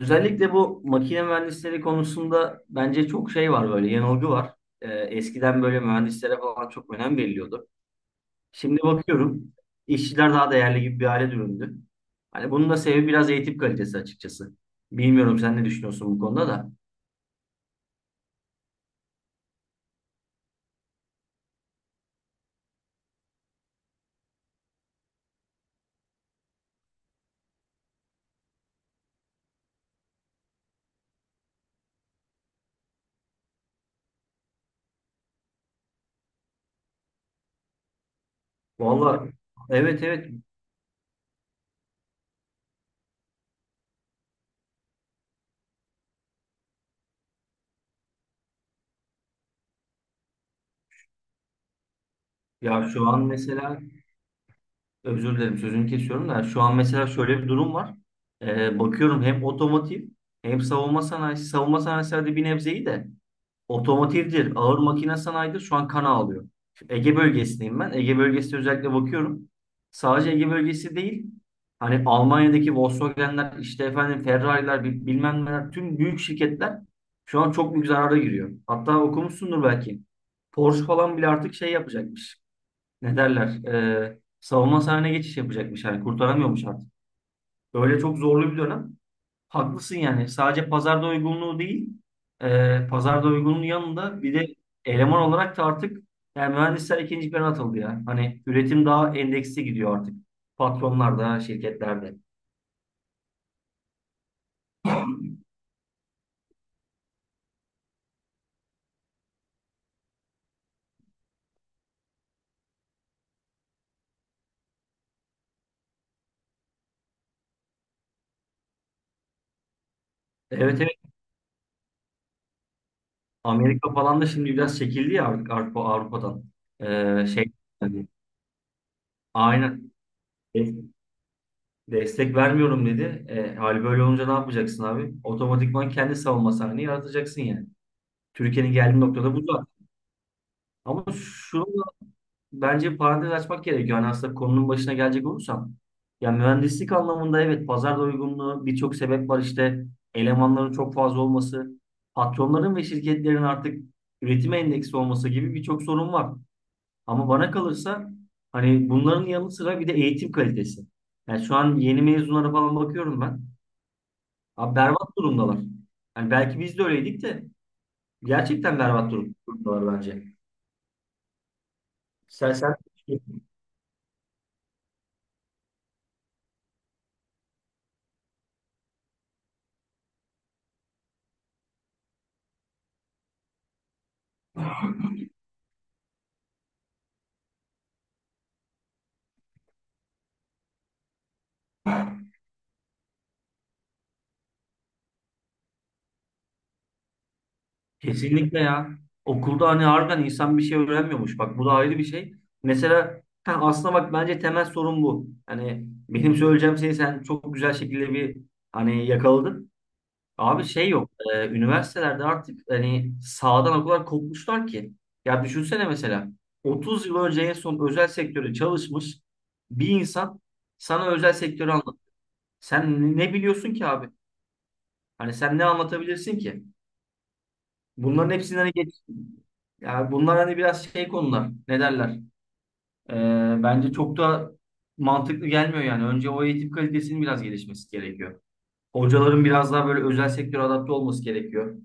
Özellikle bu makine mühendisleri konusunda bence çok şey var böyle yanılgı var. Eskiden böyle mühendislere falan çok önem veriliyordu. Şimdi bakıyorum işçiler daha değerli gibi bir hale dönüldü. Hani bunun da sebebi biraz eğitim kalitesi açıkçası. Bilmiyorum sen ne düşünüyorsun bu konuda da. Vallahi. Evet, evet. Ya, şu an mesela, özür dilerim sözünü kesiyorum da, şu an mesela şöyle bir durum var. Bakıyorum hem otomotiv hem savunma sanayisi. Hadi bir nebzeyi de. Otomotivdir, ağır makine sanayidir. Şu an kan ağlıyor. Şu Ege bölgesindeyim ben. Ege bölgesine özellikle bakıyorum. Sadece Ege bölgesi değil. Hani Almanya'daki Volkswagen'ler, işte efendim Ferrari'ler, bilmem neler, tüm büyük şirketler şu an çok büyük zarara giriyor. Hatta okumuşsundur belki. Porsche falan bile artık şey yapacakmış. Ne derler? Savunma sanayine geçiş yapacakmış. Yani kurtaramıyormuş artık. Öyle çok zorlu bir dönem. Haklısın yani. Sadece pazarda uygunluğu değil, pazarda uygunluğun yanında bir de eleman olarak da artık yani mühendisler ikinci plana atıldı ya. Hani üretim daha endeksli gidiyor artık. Patronlarda, şirketlerde. Evet, evet. Amerika falan da şimdi biraz çekildi ya artık Avrupa, Avrupa'dan. Şey, hani, aynen. E, Destek vermiyorum dedi. Hali böyle olunca ne yapacaksın abi? Otomatikman kendi savunma sahneyi yaratacaksın yani. Türkiye'nin geldiği noktada bu da. Ama şu, bence bir parantez açmak gerekiyor. Hani aslında konunun başına gelecek olursam, ya mühendislik anlamında evet, pazar doygunluğu, birçok sebep var işte. Elemanların çok fazla olması, patronların ve şirketlerin artık üretime endeksi olması gibi birçok sorun var. Ama bana kalırsa, hani bunların yanı sıra bir de eğitim kalitesi. Yani şu an yeni mezunlara falan bakıyorum ben. Abi, berbat durumdalar. Yani belki biz de öyleydik de, gerçekten berbat durumdalar bence. Sen, sen Kesinlikle ya. Okulda hani harbiden insan bir şey öğrenmiyormuş. Bak, bu da ayrı bir şey. Mesela ha, aslında bak, bence temel sorun bu. Hani benim söyleyeceğim şeyi sen çok güzel şekilde bir, hani, yakaladın. Abi şey yok. Üniversitelerde artık hani sağdan o kadar kopmuşlar ki. Ya düşünsene, mesela 30 yıl önce en son özel sektörde çalışmış bir insan sana özel sektörü anlat. Sen ne biliyorsun ki abi? Hani sen ne anlatabilirsin ki? Bunların hepsinden hani geç. Yani bunlar hani biraz şey konular. Ne derler? Bence çok da mantıklı gelmiyor yani. Önce o eğitim kalitesinin biraz gelişmesi gerekiyor. Hocaların biraz daha böyle özel sektöre adapte olması gerekiyor.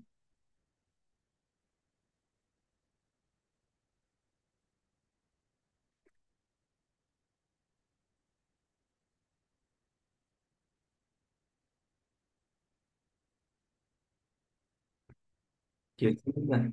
Kesinlikle.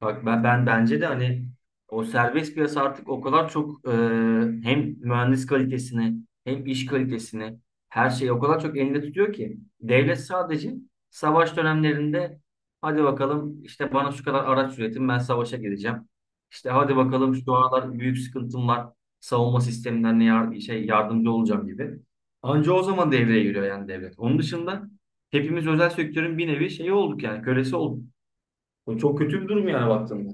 Bak ben bence de hani o serbest piyasa artık o kadar çok hem mühendis kalitesini hem iş kalitesini, her şeyi o kadar çok elinde tutuyor ki devlet sadece savaş dönemlerinde, hadi bakalım işte bana şu kadar araç üretin, ben savaşa gideceğim. İşte hadi bakalım, şu aralar büyük sıkıntım var savunma sisteminden, yardımcı olacağım gibi. Anca o zaman devreye giriyor yani devlet. Onun dışında hepimiz özel sektörün bir nevi şeyi olduk, yani kölesi olduk. Bu çok kötü bir durum yani baktığında.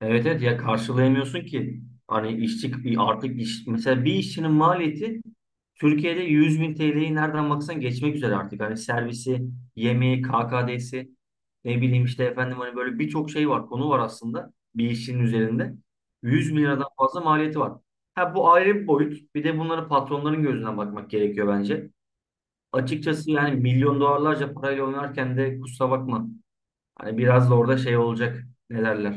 Evet, evet. Ya, karşılayamıyorsun ki. Hani işçi artık mesela bir işçinin maliyeti Türkiye'de 100.000 TL'yi nereden baksan geçmek üzere artık. Hani servisi, yemeği, KKD'si, ne bileyim işte efendim, hani böyle birçok şey var, konu var aslında bir işçinin üzerinde. 100.000 liradan fazla maliyeti var. Ha, bu ayrı bir boyut. Bir de bunları patronların gözünden bakmak gerekiyor bence. Açıkçası yani milyon dolarlarca parayla oynarken de kusura bakma. Hani biraz da orada şey olacak. Ne derler?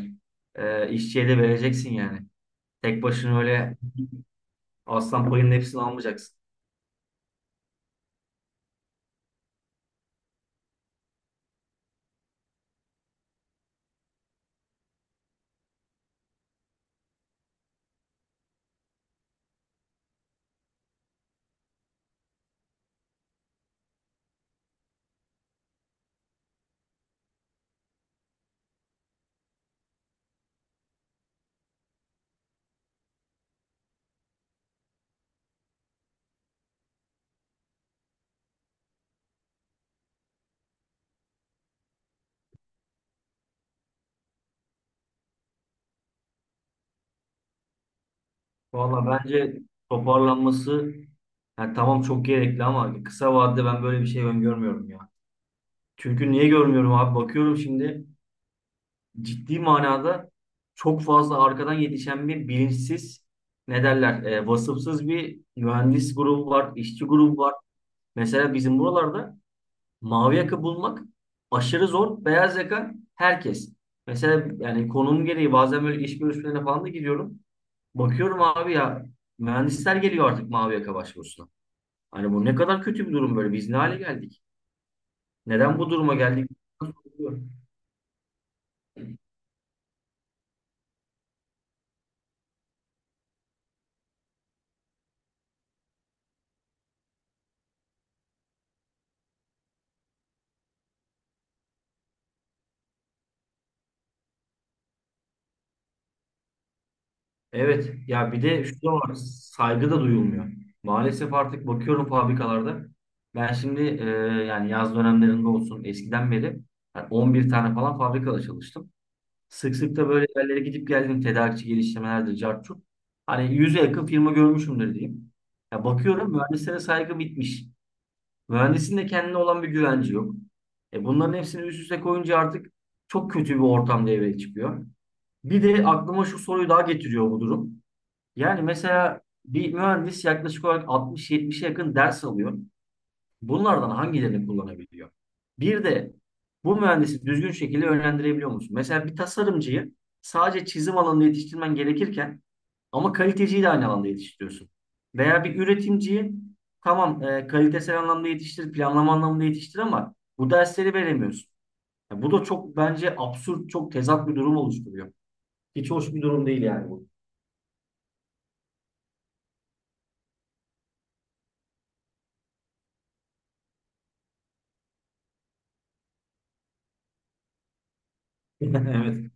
İşçiye de vereceksin yani. Tek başına öyle aslan payının hepsini almayacaksın. Valla bence toparlanması, yani tamam çok gerekli ama kısa vadede ben böyle bir şey öngörmüyorum ya. Çünkü niye görmüyorum abi? Bakıyorum şimdi, ciddi manada çok fazla arkadan yetişen bir bilinçsiz, ne derler, vasıfsız bir mühendis grubu var, işçi grubu var. Mesela bizim buralarda mavi yaka bulmak aşırı zor. Beyaz yaka herkes. Mesela yani konum gereği bazen böyle iş görüşmelerine falan da gidiyorum. Bakıyorum abi ya, mühendisler geliyor artık mavi yaka başvurusuna. Hani bu ne kadar kötü bir durum böyle. Biz ne hale geldik? Neden bu duruma geldik? Evet ya, bir de şu da var, saygı da duyulmuyor. Maalesef artık bakıyorum fabrikalarda. Ben şimdi yani yaz dönemlerinde olsun eskiden beri, yani 11 tane falan fabrikada çalıştım. Sık sık da böyle yerlere gidip geldim. Tedarikçi geliştirmelerdir, cart curt. Hani yüze yakın firma görmüşümdür diyeyim. Ya bakıyorum mühendislere saygı bitmiş. Mühendisin de kendine olan bir güvenci yok. E bunların hepsini üst üste koyunca artık çok kötü bir ortam devreye çıkıyor. Bir de aklıma şu soruyu daha getiriyor bu durum. Yani mesela bir mühendis yaklaşık olarak 60-70'e yakın ders alıyor. Bunlardan hangilerini kullanabiliyor? Bir de bu mühendisi düzgün şekilde yönlendirebiliyor musun? Mesela bir tasarımcıyı sadece çizim alanında yetiştirmen gerekirken, ama kaliteciyi de aynı alanda yetiştiriyorsun. Veya bir üretimciyi, tamam, kalitesel anlamda yetiştir, planlama anlamında yetiştir, ama bu dersleri veremiyorsun. Ya bu da çok bence absürt, çok tezat bir durum oluşturuyor. Hiç hoş bir durum değil yani bu. Evet.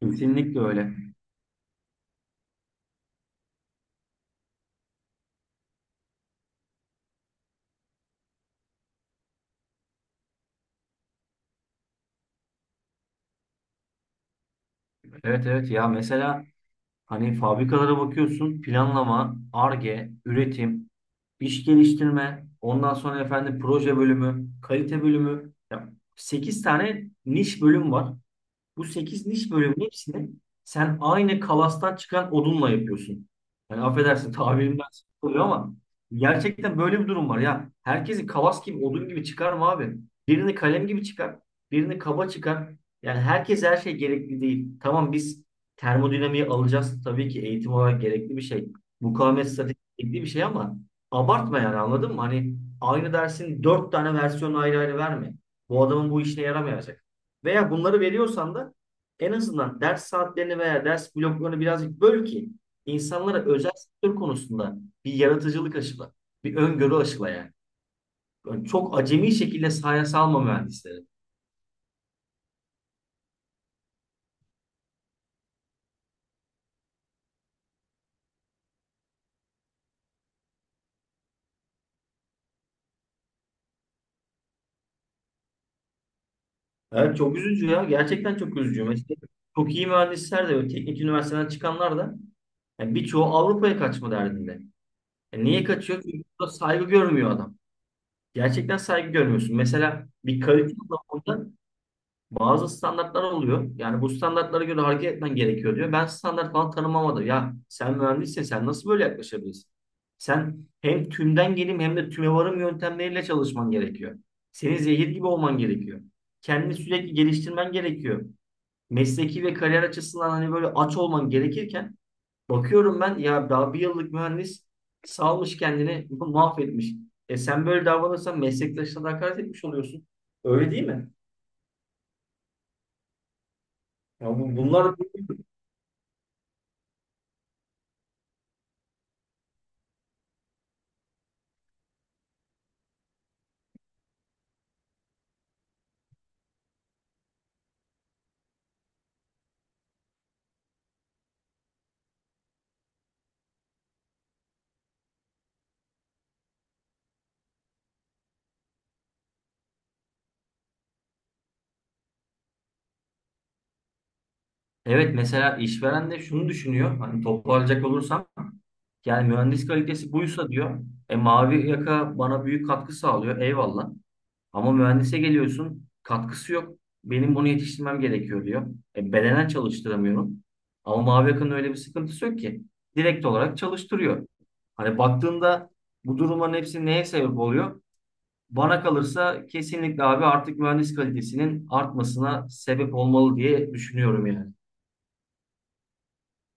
Kesinlikle öyle. Evet, evet, ya, mesela, hani fabrikalara bakıyorsun: planlama, Ar-Ge, üretim, iş geliştirme, ondan sonra efendim proje bölümü, kalite bölümü. Ya sekiz tane niş bölüm var. Bu sekiz niş bölümün hepsini sen aynı kalastan çıkan odunla yapıyorsun. Yani affedersin tabirimden, oluyor ama gerçekten böyle bir durum var ya. Herkesi kalas gibi, odun gibi çıkar mı abi? Birini kalem gibi çıkar, birini kaba çıkar. Yani herkes, her şey gerekli değil. Tamam biz termodinamiği alacağız, tabii ki eğitim olarak gerekli bir şey. Mukavemet stratejisi gerekli bir şey, ama abartma yani, anladın mı? Hani aynı dersin dört tane versiyonu ayrı ayrı verme. Bu adamın bu işine yaramayacak. Veya bunları veriyorsan da en azından ders saatlerini veya ders bloklarını birazcık böl ki insanlara özel sektör konusunda bir yaratıcılık aşıla, bir öngörü aşıla yani. Yani çok acemi şekilde sahaya salma mühendisleri. Evet çok üzücü ya. Gerçekten çok üzücü. Mesela çok iyi mühendisler de, teknik üniversiteden çıkanlar da, yani birçoğu Avrupa'ya kaçma derdinde. E niye kaçıyor? Çünkü burada saygı görmüyor adam. Gerçekten saygı görmüyorsun. Mesela bir kalite anlamında bazı standartlar oluyor. Yani bu standartlara göre hareket etmen gerekiyor diyor. Ben standart falan tanımamadım. Ya sen mühendissin, sen nasıl böyle yaklaşabilirsin? Sen hem tümden gelim, hem de tüme varım yöntemleriyle çalışman gerekiyor. Senin zehir gibi olman gerekiyor. Kendini sürekli geliştirmen gerekiyor. Mesleki ve kariyer açısından hani böyle aç olman gerekirken, bakıyorum ben ya daha bir yıllık mühendis salmış kendini mahvetmiş. E sen böyle davranırsan meslektaşına da hakaret etmiş oluyorsun. Öyle değil mi? Ya bu- bunlar Evet, mesela işveren de şunu düşünüyor. Hani toparlayacak olursam, yani mühendis kalitesi buysa diyor. E mavi yaka bana büyük katkı sağlıyor. Eyvallah. Ama mühendise geliyorsun, katkısı yok. Benim bunu yetiştirmem gerekiyor diyor. E bedenen çalıştıramıyorum. Ama mavi yakanın öyle bir sıkıntısı yok ki. Direkt olarak çalıştırıyor. Hani baktığında, bu durumların hepsi neye sebep oluyor? Bana kalırsa kesinlikle abi artık mühendis kalitesinin artmasına sebep olmalı diye düşünüyorum yani.